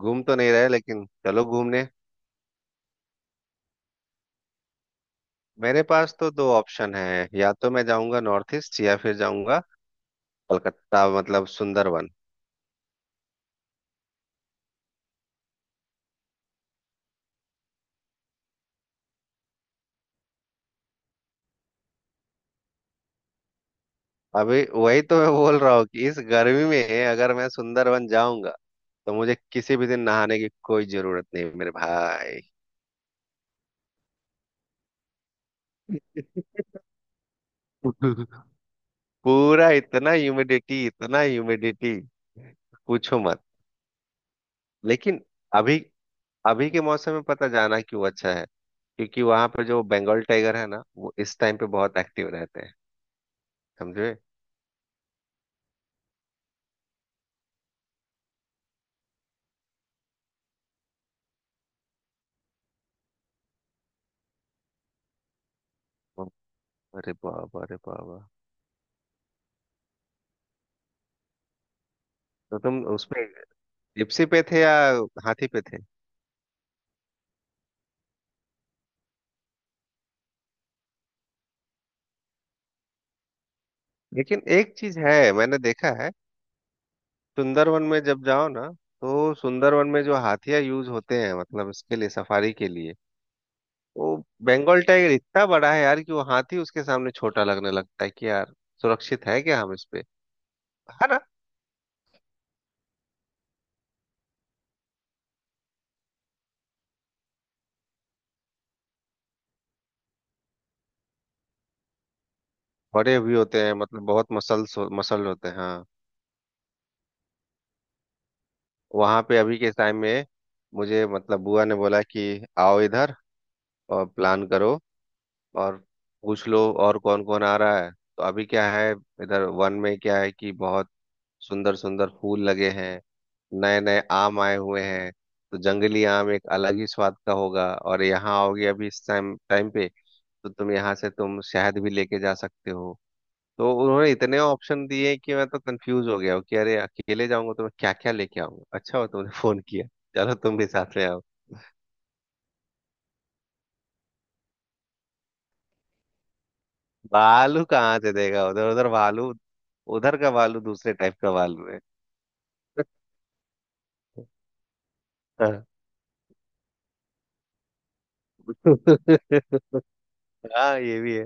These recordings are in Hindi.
घूम तो नहीं रहे, लेकिन चलो घूमने। मेरे पास तो दो ऑप्शन है, या तो मैं जाऊंगा नॉर्थ ईस्ट या फिर जाऊंगा कलकत्ता, मतलब सुंदरवन। अभी वही तो मैं बोल रहा हूँ कि इस गर्मी में अगर मैं सुंदरवन जाऊंगा तो मुझे किसी भी दिन नहाने की कोई जरूरत नहीं, मेरे भाई। पूरा, इतना ह्यूमिडिटी, इतना ह्यूमिडिटी, पूछो मत। लेकिन अभी, अभी के मौसम में पता जाना क्यों अच्छा है? क्योंकि वहां पे जो बंगाल टाइगर है ना, वो इस टाइम पे बहुत एक्टिव रहते हैं, समझे? ओ, अरे बाबा, अरे बाबा। तो तुम उसमें जिप्सी पे थे या हाथी पे थे? लेकिन एक चीज है, मैंने देखा है। सुंदरवन में जब जाओ ना, तो सुंदरवन में जो हाथिया यूज होते हैं, मतलब इसके लिए, सफारी के लिए, वो बंगाल टाइगर इतना बड़ा है यार कि वो हाथी उसके सामने छोटा लगने लगता है कि यार, सुरक्षित है क्या हम इस पे? है ना? बड़े भी होते हैं, मतलब बहुत मसल, मसल होते हैं, हाँ। वहां पे अभी के टाइम में मुझे, मतलब बुआ ने बोला कि आओ इधर और प्लान करो, और पूछ लो और कौन कौन आ रहा है। तो अभी क्या है, इधर वन में क्या है कि बहुत सुंदर सुंदर फूल लगे हैं, नए नए आम आए हुए हैं। तो जंगली आम एक अलग ही स्वाद का होगा, और यहाँ आओगे अभी इस टाइम टाइम पे तो तुम यहाँ से तुम शहद भी लेके जा सकते हो। तो उन्होंने इतने ऑप्शन दिए कि मैं तो कंफ्यूज हो गया हूँ कि अरे अकेले जाऊंगा तो मैं क्या क्या लेके आऊंगा। अच्छा हो तुमने फोन किया। चलो तुम भी साथ में आओ। भालू कहाँ से देगा? उधर, उधर भालू, उधर का भालू दूसरे टाइप का भालू। हाँ। हाँ, ये भी है।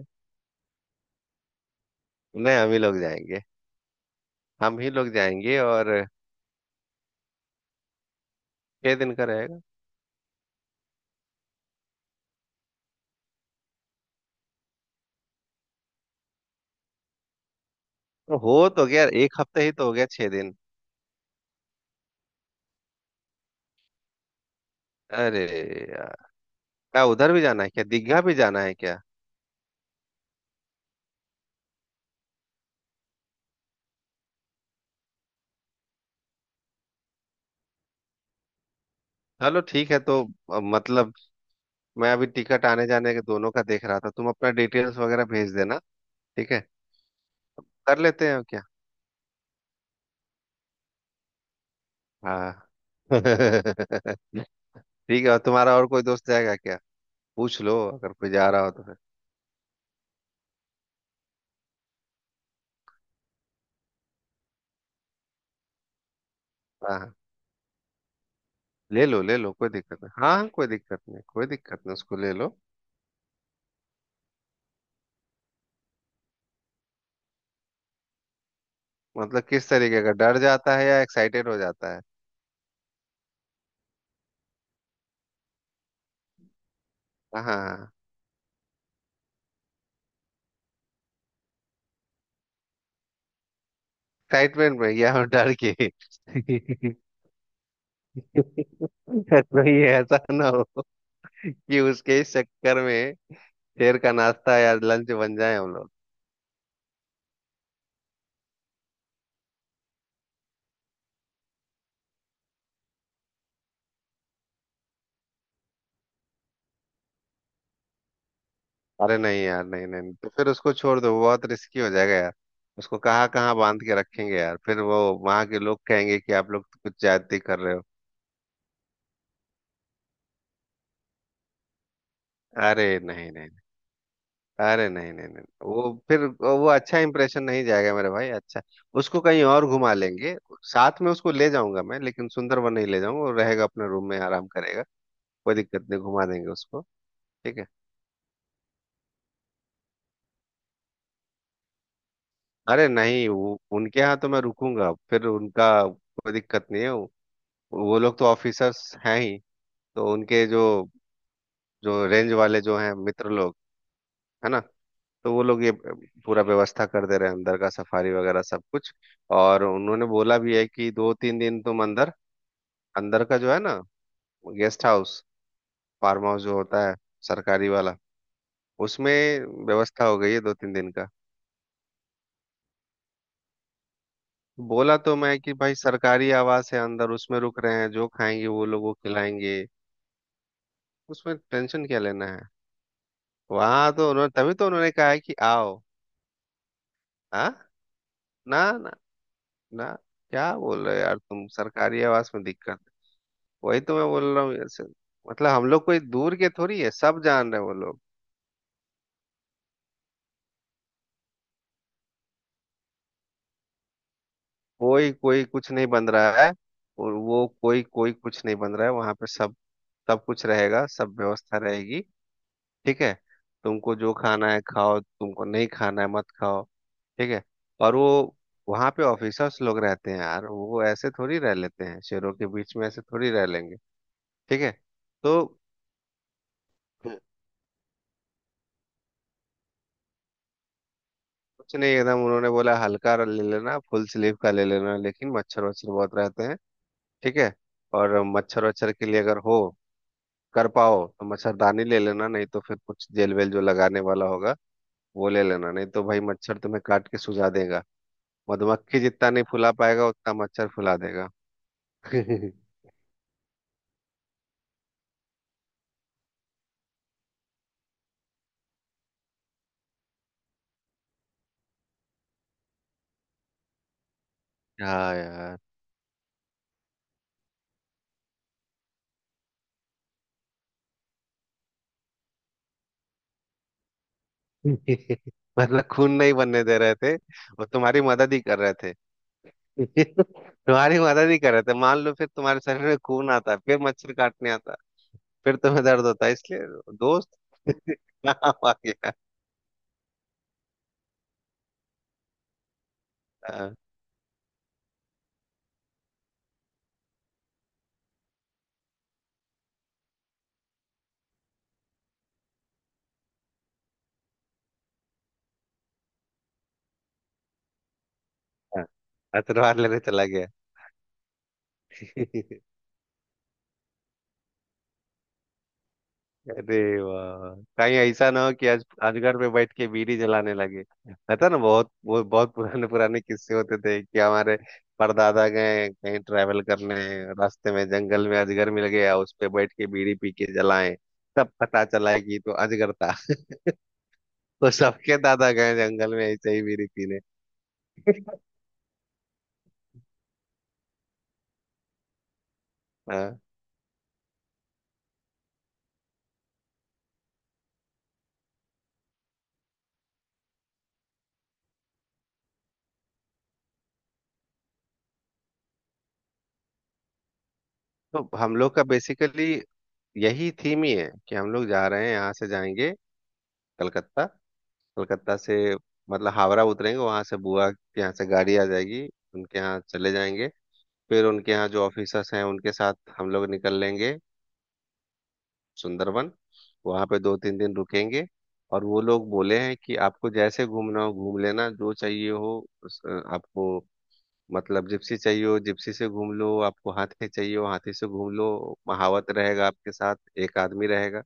नहीं, हम ही लोग जाएंगे। हम ही लोग जाएंगे, और 6 दिन का रहेगा। तो हो तो गया एक हफ्ते, ही तो हो गया 6 दिन। अरे यार, क्या उधर भी जाना है, क्या दीघा भी जाना है क्या? चलो, ठीक है तो मतलब मैं अभी टिकट आने जाने के दोनों का देख रहा था, तुम अपना डिटेल्स वगैरह भेज देना। ठीक है, कर लेते हैं और क्या। हाँ। ठीक है, और तुम्हारा और कोई दोस्त जाएगा क्या? पूछ लो, अगर कोई जा रहा हो तो फिर। हाँ हाँ। ले लो, ले लो, कोई दिक्कत नहीं। हाँ हाँ, कोई दिक्कत नहीं, कोई दिक्कत नहीं, उसको ले लो। मतलब किस तरीके का, डर जाता है या एक्साइटेड हो जाता है? हाँ, एक्साइटमेंट में या डर के? कोई ऐसा ना हो कि उसके इस चक्कर में शेर का नाश्ता या लंच बन जाए हम लोग। अरे नहीं यार, नहीं नहीं, तो फिर उसको छोड़ दो, वो बहुत रिस्की हो जाएगा यार। उसको कहाँ कहाँ बांध के रखेंगे यार, फिर वो वहां के लोग कहेंगे कि आप लोग तो कुछ ज्यादती कर रहे हो। अरे नहीं नहीं, अरे नहीं नहीं नहीं, वो फिर वो अच्छा इंप्रेशन नहीं जाएगा मेरे भाई। अच्छा, उसको कहीं और घुमा लेंगे। साथ में उसको ले जाऊंगा मैं, लेकिन सुंदरबन नहीं ले जाऊंगा, वो रहेगा अपने रूम में, आराम करेगा, कोई दिक्कत नहीं, घुमा देंगे उसको। ठीक है। अरे नहीं, वो उनके यहाँ तो मैं रुकूंगा, फिर उनका कोई दिक्कत नहीं है। वो लोग तो ऑफिसर्स हैं ही, तो उनके जो, जो रेंज वाले जो हैं मित्र लोग, है ना, तो वो लोग ये पूरा व्यवस्था कर दे रहे हैं अंदर का, सफारी वगैरह सब कुछ। और उन्होंने बोला भी है कि 2 3 दिन तुम अंदर, अंदर का जो है ना गेस्ट हाउस, फार्म हाउस जो होता है सरकारी वाला, उसमें व्यवस्था हो गई है 2 3 दिन का। बोला तो मैं कि भाई सरकारी आवास है, अंदर उसमें रुक रहे हैं, जो खाएंगे वो लोगों को खिलाएंगे, उसमें टेंशन क्या लेना है। वहां तो उन्होंने, तभी तो उन्होंने कहा है कि आओ। हाँ, ना ना ना, क्या बोल रहे हो यार, तुम सरकारी आवास में दिक्कत? वही तो मैं बोल रहा हूँ, ऐसे, मतलब हम लोग कोई दूर के थोड़ी है, सब जान रहे हैं वो लोग। कोई कोई कुछ नहीं बन रहा है, और वो कोई कोई कुछ नहीं बन रहा है वहां पे, सब सब कुछ रहेगा, सब व्यवस्था रहेगी। ठीक है, तुमको जो खाना है खाओ, तुमको नहीं खाना है मत खाओ। ठीक है। और वो वहां पे ऑफिसर्स लोग रहते हैं यार, वो ऐसे थोड़ी रह लेते हैं शेरों के बीच में, ऐसे थोड़ी रह लेंगे। ठीक है तो कुछ नहीं, एकदम उन्होंने बोला हल्का ले लेना, फुल स्लीव का ले लेना, लेकिन मच्छर वच्छर बहुत रहते हैं। ठीक है। और मच्छर वच्छर के लिए अगर हो कर पाओ तो मच्छरदानी ले लेना, नहीं तो फिर कुछ जेल वेल जो लगाने वाला होगा वो ले लेना, नहीं तो भाई मच्छर तुम्हें काट के सुझा देगा। मधुमक्खी जितना नहीं फुला पाएगा, उतना मच्छर फुला देगा। हाँ यार। मतलब खून नहीं बनने दे रहे थे, वो तुम्हारी मदद ही कर रहे थे। तुम्हारी मदद ही कर रहे थे, मान लो फिर तुम्हारे शरीर में खून आता, फिर मच्छर काटने आता, फिर तुम्हें दर्द होता है इसलिए। दोस्त काम आ गया। हाँ, हाँ, अतरवार लेने चला गया। अरे वाह, कहीं ऐसा ना हो कि आज अजगर पे बैठ के बीड़ी जलाने लगे। रहता ना बहुत वो, बहुत पुराने पुराने किस्से होते थे कि हमारे परदादा गए कहीं ट्रैवल करने, रास्ते में जंगल में अजगर मिल गया, उस पे बैठ के बीड़ी पी के जलाएं, तब पता चला कि ये तो अजगर था। तो सबके दादा गए जंगल में ऐसे ही बीड़ी पीने। हाँ, तो हम लोग का बेसिकली यही थीम ही है कि हम लोग जा रहे हैं, यहाँ से जाएंगे कलकत्ता, कलकत्ता से मतलब हावड़ा उतरेंगे, वहां से बुआ के यहाँ से गाड़ी आ जाएगी, उनके यहाँ चले जाएंगे, फिर उनके यहाँ जो ऑफिसर्स हैं उनके साथ हम लोग निकल लेंगे सुंदरबन, वहां पे 2 3 दिन रुकेंगे। और वो लोग बोले हैं कि आपको जैसे घूमना हो घूम लेना, जो चाहिए हो उस- आपको, मतलब जिप्सी चाहिए हो जिप्सी से घूम लो, आपको हाथी चाहिए हो हाथी से घूम लो, महावत रहेगा आपके साथ, एक आदमी रहेगा।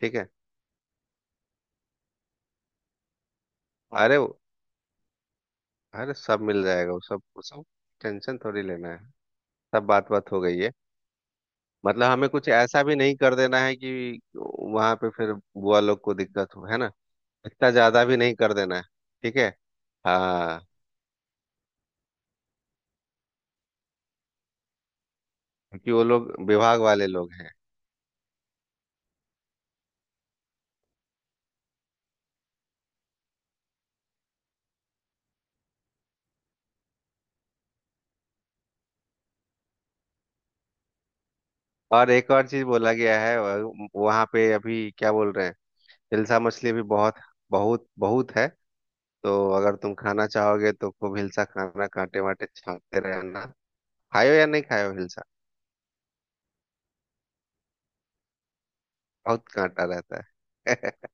ठीक है। अरे, अरे सब मिल जाएगा वो, सब, सब टेंशन थोड़ी लेना है, सब बात बात हो गई है। मतलब हमें कुछ ऐसा भी नहीं कर देना है कि वहां पे फिर बुआ लोग को दिक्कत हो, है ना, इतना ज्यादा भी नहीं कर देना है। ठीक है, हाँ। क्योंकि वो लोग विभाग वाले लोग हैं। और एक और चीज बोला गया है, वहाँ पे अभी क्या बोल रहे हैं, हिलसा मछली भी बहुत बहुत बहुत है। तो अगर तुम खाना चाहोगे तो खूब हिलसा खाना, कांटे वाटे छांटते रहना। खायो या नहीं खायो हिलसा? बहुत कांटा रहता है।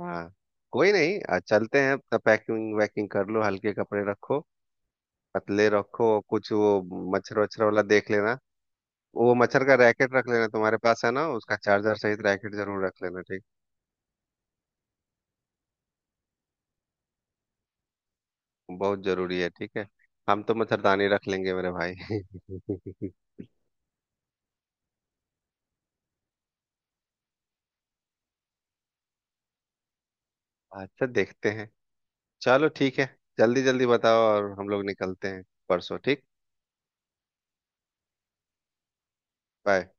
हाँ, कोई नहीं। चलते हैं, अपना पैकिंग वैकिंग कर लो, हल्के कपड़े रखो, पतले रखो, और कुछ वो मच्छर वच्छर वाला देख लेना, वो मच्छर का रैकेट रख लेना, तुम्हारे पास है ना, उसका चार्जर सहित रैकेट जरूर रख लेना, ठीक? बहुत जरूरी है, ठीक है। हम तो मच्छरदानी रख लेंगे, मेरे भाई। अच्छा, देखते हैं, चलो ठीक है। जल्दी जल्दी बताओ और हम लोग निकलते हैं परसों, ठीक? बाय।